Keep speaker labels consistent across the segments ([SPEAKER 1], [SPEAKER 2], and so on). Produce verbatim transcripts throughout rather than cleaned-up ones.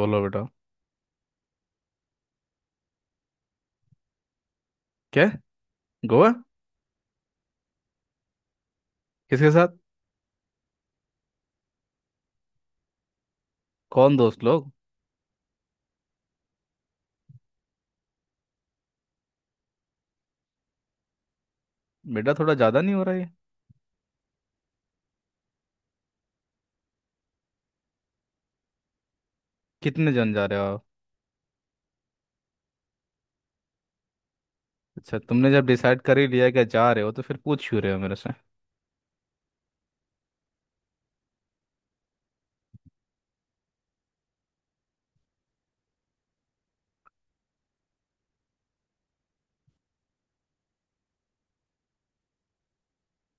[SPEAKER 1] बोलो बेटा। क्या? गोवा? किसके साथ? कौन दोस्त लोग? बेटा थोड़ा ज्यादा नहीं हो रहा है? कितने जन जा रहे हो आप? अच्छा, तुमने जब डिसाइड कर ही लिया कि जा रहे हो तो फिर पूछ क्यों रहे हो मेरे से?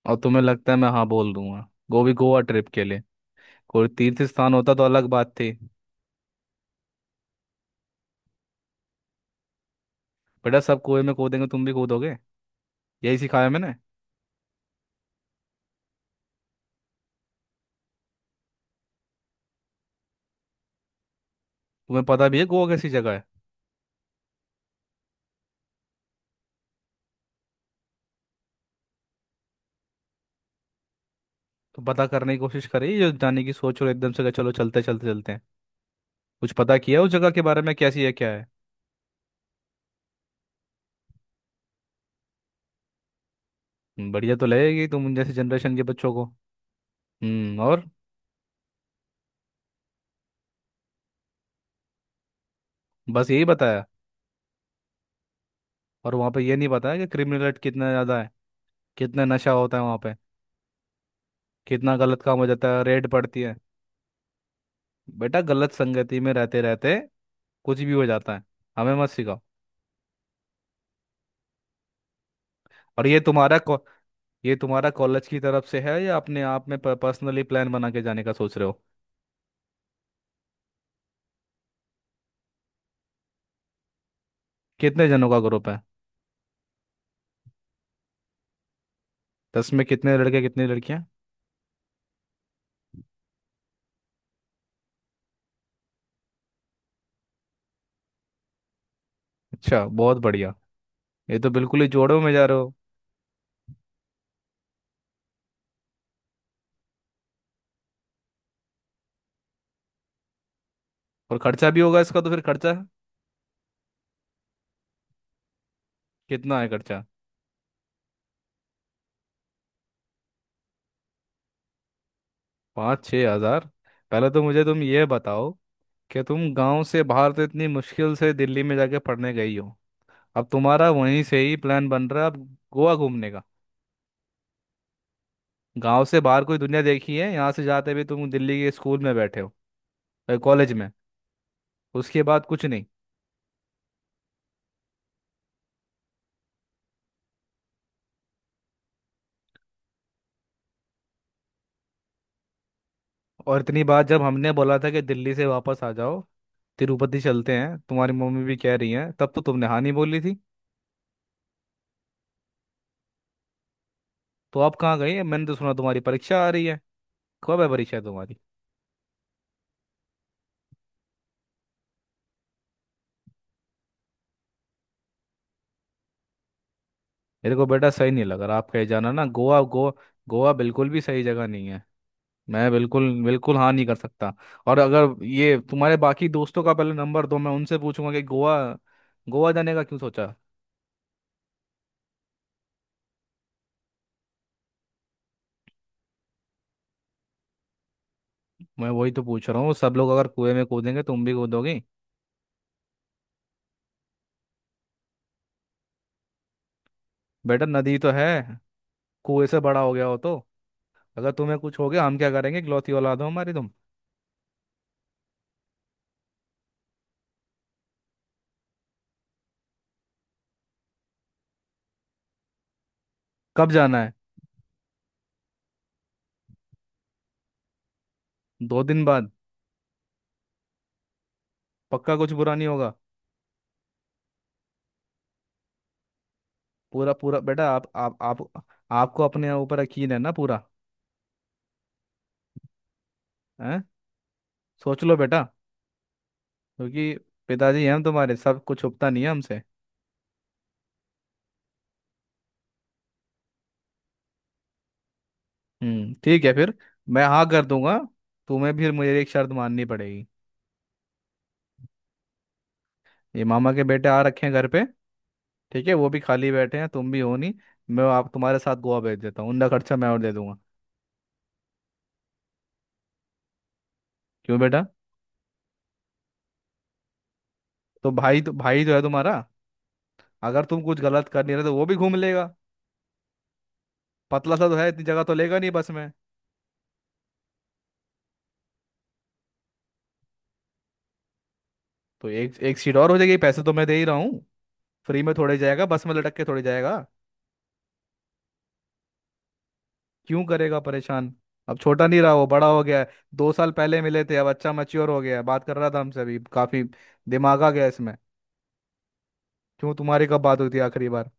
[SPEAKER 1] और तुम्हें लगता है मैं हाँ बोल दूंगा वो भी गोवा ट्रिप के लिए? कोई तीर्थ स्थान होता तो अलग बात थी। बेटा, सब कुएं में कूदेंगे तुम भी कूदोगे? यही सिखाया मैंने? तुम्हें पता भी है गोवा कैसी जगह है? तो पता करने की कोशिश करी जो जाने की सोच, और एकदम से कहा, चलो चलते चलते चलते हैं। कुछ पता किया उस जगह के बारे में, कैसी है क्या है? हम्म, बढ़िया तो लगेगी तुम जैसे जनरेशन के बच्चों को। हम्म और? बस यही बताया? और वहाँ पे ये नहीं बताया कि क्रिमिनल रेट कितना ज़्यादा है, कितना नशा होता है वहाँ पे, कितना गलत काम हो जाता है, रेड पड़ती है। बेटा, गलत संगति में रहते रहते कुछ भी हो जाता है। हमें मत सिखाओ। और ये तुम्हारा को, ये तुम्हारा कॉलेज की तरफ से है या अपने आप में पर्सनली प्लान बना के जाने का सोच रहे हो? कितने जनों का ग्रुप है? दस में कितने लड़के, कितनी लड़कियां? अच्छा, बहुत बढ़िया। ये तो बिल्कुल ही जोड़ों में जा रहे हो। और खर्चा भी होगा इसका, तो फिर खर्चा? कितना है खर्चा? पाँच छः हज़ार? पहले तो मुझे तुम ये बताओ, कि तुम गांव से बाहर तो इतनी मुश्किल से दिल्ली में जाके पढ़ने गई हो। अब तुम्हारा वहीं से ही प्लान बन रहा है अब गोवा घूमने का? गांव से बाहर कोई दुनिया देखी है? यहाँ से जाते हुए तुम दिल्ली के स्कूल में बैठे हो, कॉलेज में, उसके बाद कुछ नहीं। और इतनी बात जब हमने बोला था कि दिल्ली से वापस आ जाओ, तिरुपति चलते हैं, तुम्हारी मम्मी भी कह रही है, तब तो तुमने हाँ नहीं बोली थी। तो आप कहाँ गई? मैंने तो सुना तुम्हारी परीक्षा आ रही है। कब है परीक्षा तुम्हारी? मेरे को बेटा सही नहीं लग रहा, आप कहे जाना ना, गोवा गोवा। गोवा बिल्कुल भी सही जगह नहीं है। मैं बिल्कुल बिल्कुल हाँ नहीं कर सकता। और अगर ये तुम्हारे बाकी दोस्तों का पहले नंबर दो, मैं उनसे पूछूंगा कि गोवा गोवा जाने का क्यों सोचा। मैं वही तो पूछ रहा हूँ, सब लोग अगर कुएं में कूदेंगे तुम भी कूदोगी? बेटा, नदी तो है, कुएं से बड़ा हो गया हो तो? अगर तुम्हें कुछ हो गया हम क्या करेंगे, इकलौती औलाद हो हमारी तुम। कब जाना है? दो दिन बाद? पक्का कुछ बुरा नहीं होगा? पूरा पूरा बेटा, आप आप आप, आपको अपने ऊपर यकीन है ना पूरा? हैं? सोच लो बेटा। क्योंकि पिताजी हैं हम तुम्हारे, सब कुछ छुपता नहीं है हमसे। हम्म, ठीक है फिर, मैं हाँ कर दूंगा। तुम्हें भी मुझे एक शर्त माननी पड़ेगी। ये मामा के बेटे आ रखे हैं घर पे, ठीक है, वो भी खाली बैठे हैं, तुम भी हो नहीं। मैं आप तुम्हारे साथ गोवा भेज देता हूँ, उनका खर्चा मैं और दे दूंगा। क्यों बेटा? तो भाई तो भाई जो है तुम्हारा, अगर तुम कुछ गलत कर नहीं रहे तो वो भी घूम लेगा। पतला सा तो है, इतनी जगह तो लेगा नहीं बस में। तो एक एक सीट और हो जाएगी, पैसे तो मैं दे ही रहा हूँ। फ्री में थोड़े जाएगा, बस में लटक के थोड़ी जाएगा। क्यों करेगा परेशान? अब छोटा नहीं रहा, वो बड़ा हो गया है। दो साल पहले मिले थे, अब अच्छा मैच्योर हो गया है, बात कर रहा था हमसे अभी काफी, दिमाग आ गया इसमें। क्यों, तुम्हारी कब बात हुई थी आखिरी बार?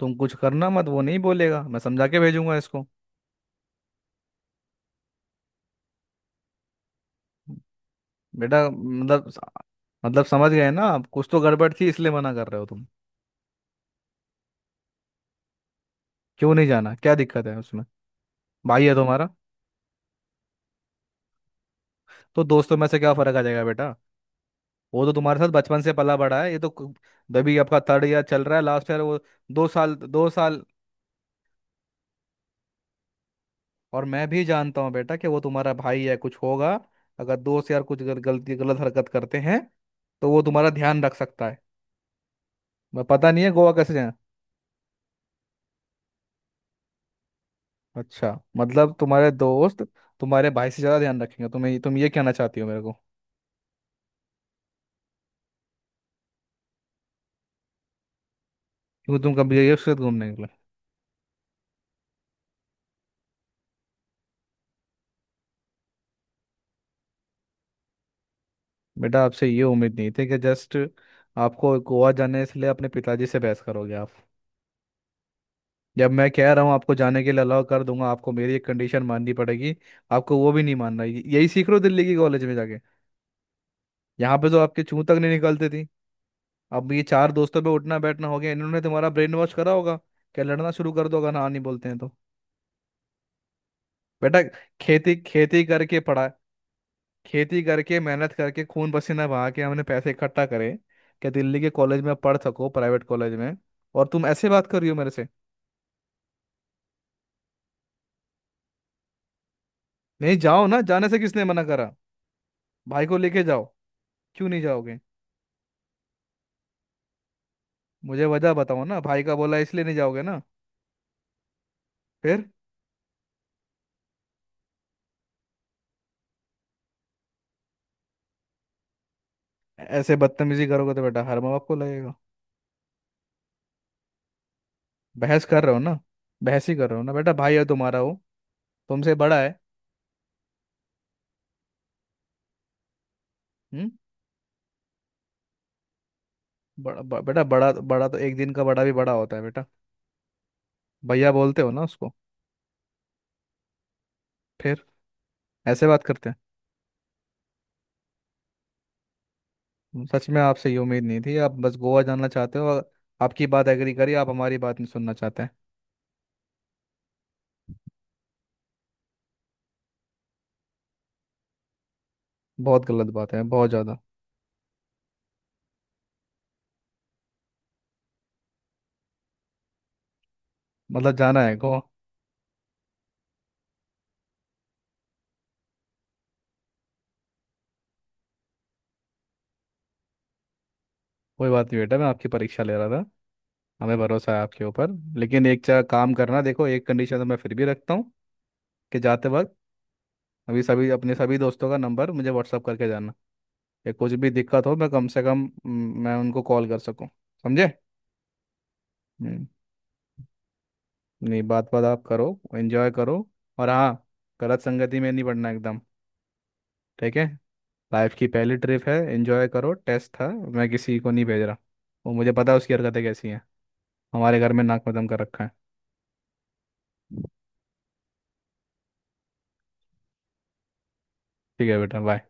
[SPEAKER 1] तुम कुछ करना मत, वो नहीं बोलेगा, मैं समझा के भेजूंगा इसको। बेटा, मतलब मतलब समझ गए ना आप, कुछ तो गड़बड़ थी इसलिए मना कर रहे हो तुम। क्यों नहीं जाना, क्या दिक्कत है उसमें? भाई है तुम्हारा। तो दोस्तों में से क्या फर्क आ जाएगा बेटा, वो तो तुम्हारे साथ बचपन से पला बड़ा है। ये तो कु- अभी आपका थर्ड ईयर चल रहा है, लास्ट ईयर वो, दो साल दो साल। और मैं भी जानता हूँ बेटा कि वो तुम्हारा भाई है, कुछ होगा अगर दोस्त यार कुछ गल- गलती, गलत हरकत करते हैं, तो वो तुम्हारा ध्यान रख सकता है। मैं पता नहीं है गोवा कैसे जाए। अच्छा, मतलब तुम्हारे दोस्त तुम्हारे भाई से ज़्यादा ध्यान रखेंगे तुम्हें, तुम ये कहना चाहती हो मेरे को? क्योंकि तुम कभी गई हो उसके साथ घूमने निकले? बेटा, आपसे ये उम्मीद नहीं थी कि जस्ट आपको गोवा जाने इसलिए अपने पिताजी से बहस करोगे आप। जब मैं कह रहा हूँ आपको जाने के लिए अलाउ कर दूंगा, आपको मेरी एक कंडीशन माननी पड़ेगी, आपको वो भी नहीं मानना? यही सीख रहे हो दिल्ली की कॉलेज में जाके? यहाँ पे तो आपके चूं तक नहीं निकलती थी, अब ये चार दोस्तों पे उठना बैठना हो गया, इन्होंने तुम्हारा ब्रेन वॉश करा होगा क्या, लड़ना शुरू कर दो अगर ना नहीं बोलते हैं तो? बेटा, खेती खेती करके पढ़ा, खेती करके मेहनत करके खून पसीना बहा के हमने पैसे इकट्ठा करे क्या दिल्ली के कॉलेज में पढ़ सको, प्राइवेट कॉलेज में, और तुम ऐसे बात कर रही हो मेरे से। नहीं, जाओ, ना जाने से किसने मना करा? भाई को लेके जाओ। क्यों नहीं जाओगे? मुझे वजह बताओ ना, भाई का बोला इसलिए नहीं जाओगे ना? फिर? ऐसे बदतमीजी करोगे तो बेटा हर माँ बाप को लगेगा। बहस कर रहे हो ना, बहस ही कर रहे हो ना बेटा, भाई है तुम्हारा वो, तुमसे बड़ा है। हम्म। बड़ा ब- बेटा, बड़ा बड़ा तो एक दिन का बड़ा भी बड़ा होता है बेटा। भैया बोलते हो ना उसको? फिर? ऐसे बात करते हैं? हम्म, सच में आपसे ये उम्मीद नहीं थी, आप बस गोवा जाना चाहते हो और आपकी बात एग्री करी, आप हमारी बात नहीं सुनना चाहते हैं। बहुत गलत बात है, बहुत ज़्यादा। मतलब जाना है गोवा? कोई बात नहीं बेटा, मैं आपकी परीक्षा ले रहा था। हमें भरोसा है आपके ऊपर। लेकिन एक चा काम करना, देखो, एक कंडीशन तो मैं फिर भी रखता हूँ, कि जाते वक्त अभी सभी अपने सभी दोस्तों का नंबर मुझे व्हाट्सअप करके जाना, या कुछ भी दिक्कत हो मैं कम से कम हम्म, मैं उनको कॉल कर सकूं। समझे? हम्म, नहीं, बात बात आप करो, एंजॉय करो। और हाँ, गलत संगति में नहीं पड़ना एकदम। ठीक है। लाइफ की पहली ट्रिप है, एंजॉय करो, टेस्ट था, मैं किसी को नहीं भेज रहा। वो मुझे पता है उसकी हरकतें कैसी हैं, हमारे घर में नाक मदम कर रखा है। ठीक है बेटा, बाय।